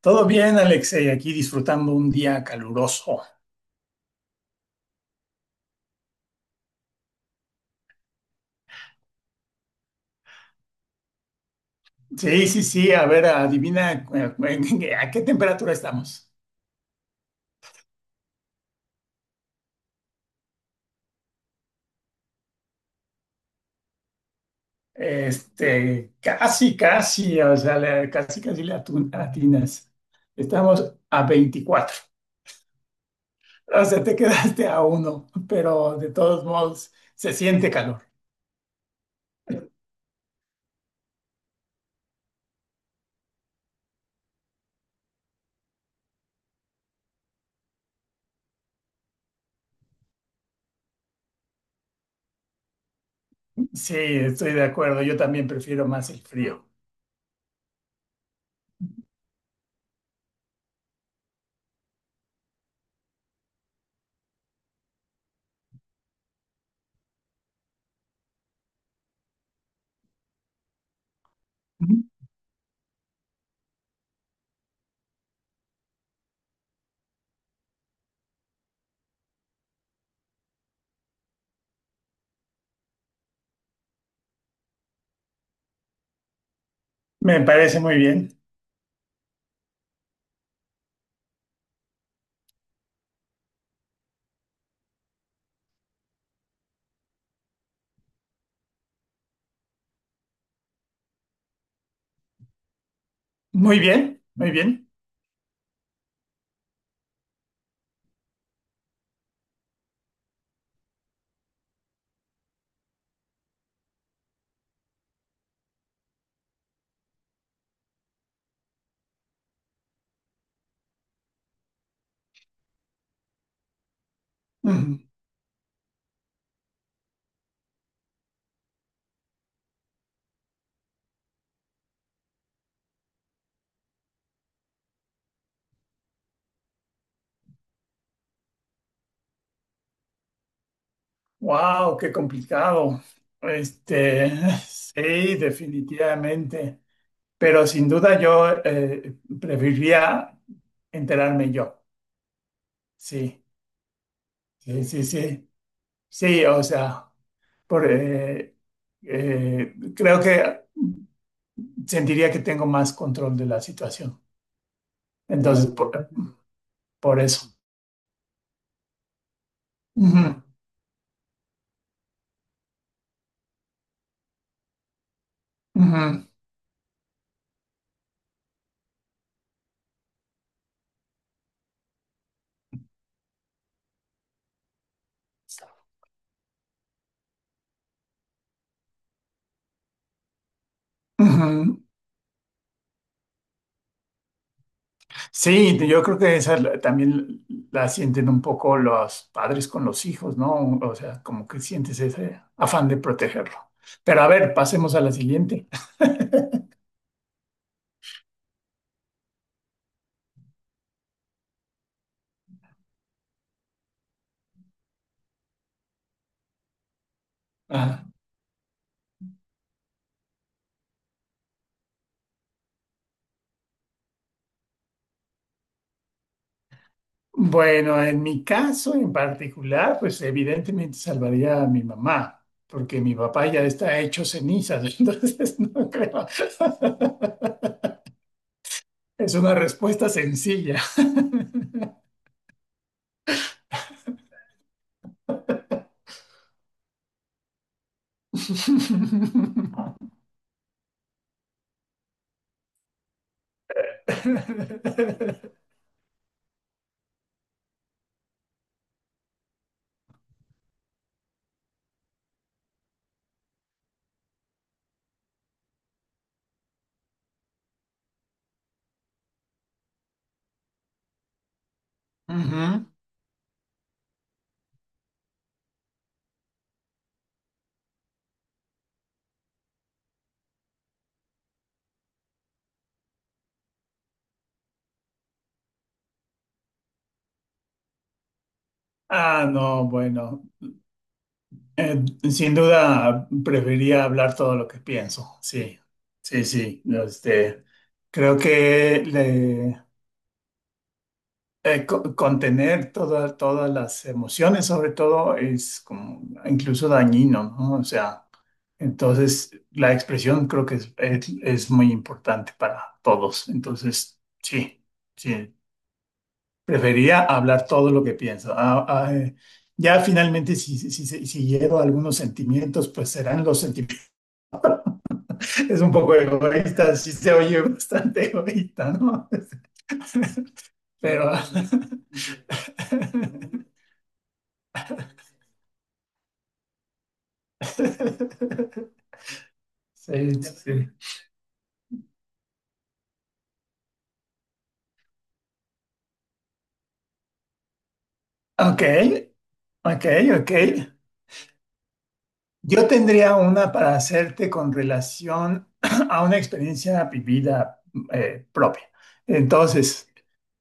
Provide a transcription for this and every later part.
Todo bien, Alex, aquí disfrutando un día caluroso. Sí, sí, sí, a ver, adivina a qué temperatura estamos. Este, casi, casi, o sea, casi, casi le atinas. Estamos a 24. O sea, te quedaste a uno, pero de todos modos se siente calor. Sí, estoy de acuerdo. Yo también prefiero más el frío. Ujú. Me parece muy bien. Muy bien, muy bien. Ujú. Wow, qué complicado. Este, sí, definitivamente. Pero sin duda yo preferiría enterarme yo. Sí, sí, sí, sí. Sí, o sea, por, eh, creo que sentiría que tengo más control de la situación. Entonces, por eso. Ujú, ujú, ujú. Sí, yo creo que esa también la sienten un poco los padres con los hijos, ¿no? O sea, como que sientes ese afán de protegerlo. Pero a ver, pasemos a la siguiente. Ah, bueno, en mi caso en particular, pues evidentemente salvaría a mi mamá, porque mi papá ya está hecho cenizas, entonces no creo. Es una respuesta sencilla. Ujú. Ah, no, bueno. Eh, Sin duda preferiría hablar todo lo que pienso. Sí, sí, sí. Este, creo que contener todas las emociones, sobre todo, es como incluso dañino, ¿no? O sea, entonces la expresión creo que es muy importante para todos. Entonces, sí, sí. Prefería hablar todo lo que pienso. Ya finalmente, si hiero algunos sentimientos, pues serán los sentimientos. Es un poco egoísta, sí se oye bastante egoísta, ¿no? Pero. Sí, sí. Ok, ok, ok. Yo tendría una para hacerte con relación a una experiencia vivida propia. Entonces.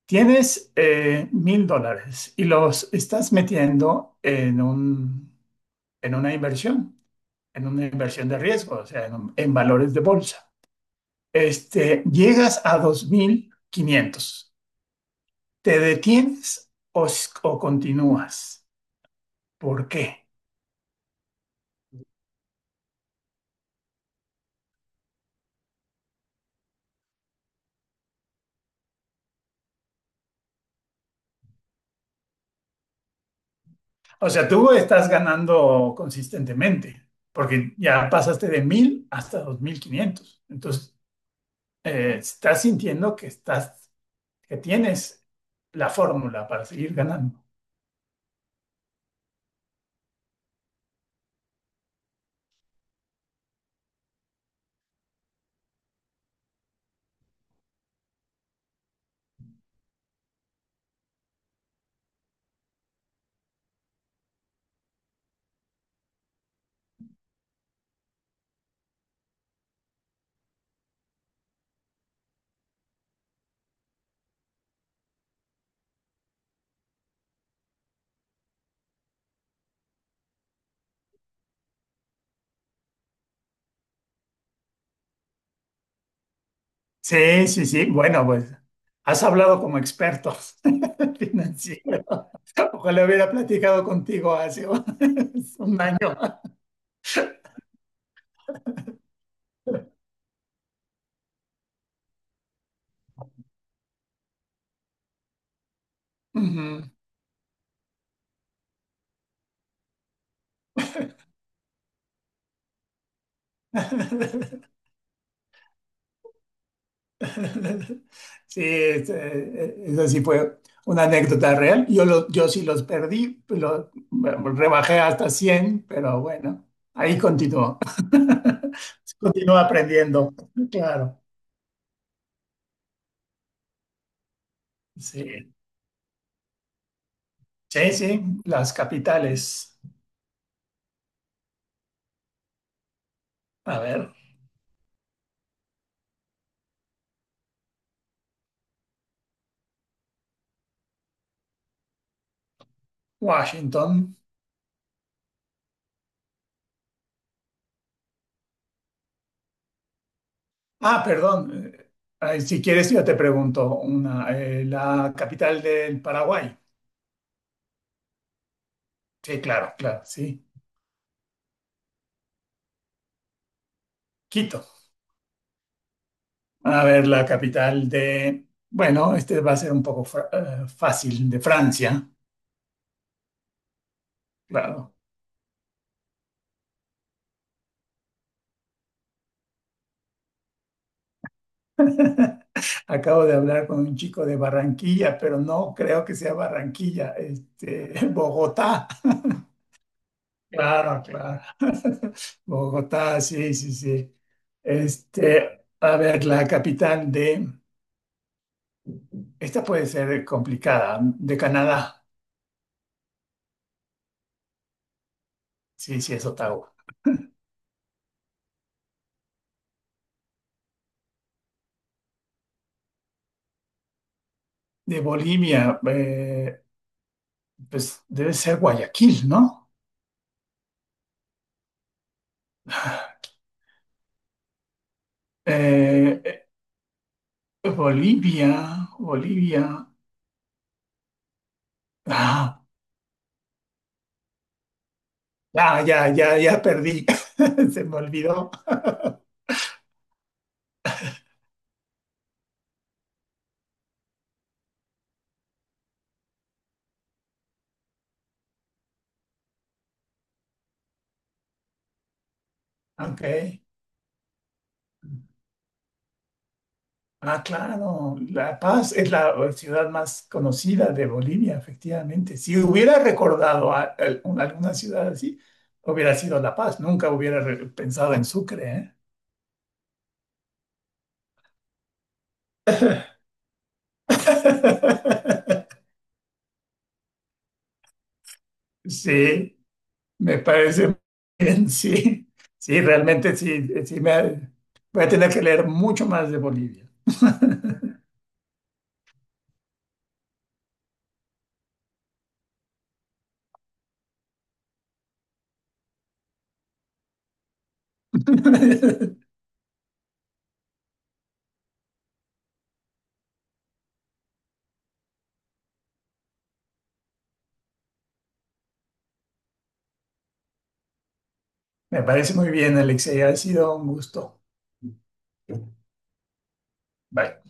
Tienes $1.000 y los estás metiendo en en una en una inversión de riesgo, o sea, en valores de bolsa. Este, llegas a 2.500. ¿Te detienes o, o continúas? ¿Por qué? O sea, tú estás ganando consistentemente, porque ya pasaste de 1.000 hasta 2.500. Entonces, estás sintiendo que tienes la fórmula para seguir ganando. Sí, sí, sí. Bueno, pues has hablado como experto financiero. Ojalá hubiera platicado contigo hace un un año. Ujú. Sí, esa sí fue una anécdota real. Yo sí los perdí, bueno, rebajé hasta 100, pero bueno, ahí continuó. Continúo aprendiendo, claro. Sí, sí, sí, las capitales. A ver. Washington. Ah, perdón. Ay, si quieres, yo te pregunto una. La capital del Paraguay. Sí, claro, claro, sí. Quito. A ver, la capital de... Bueno, este va a ser un poco fácil, de Francia. Claro. Acabo de hablar con un chico de Barranquilla, pero no creo que sea Barranquilla, este, Bogotá. Claro, claro. Bogotá, sí, sí, sí. Este, a ver, la capital de, esta puede ser complicada, de Canadá, sí, sí, es Ottawa. De Bolivia, pues debe ser Guayaquil, ¿no? Eh, eh, Bolivia, Bolivia. Ah, ya, ya, ya, ya perdí. Se me olvidó. Ok. Ah, claro, La Paz es la ciudad más conocida de Bolivia, efectivamente. Si hubiera recordado alguna ciudad así, hubiera sido La Paz. Nunca hubiera pensado en Sucre, ¿eh? Sí, me parece bien, sí. Sí, realmente sí, sí voy a tener que leer mucho más de Bolivia. Me parece muy bien, Alexei. Ha sido un gusto. Bye.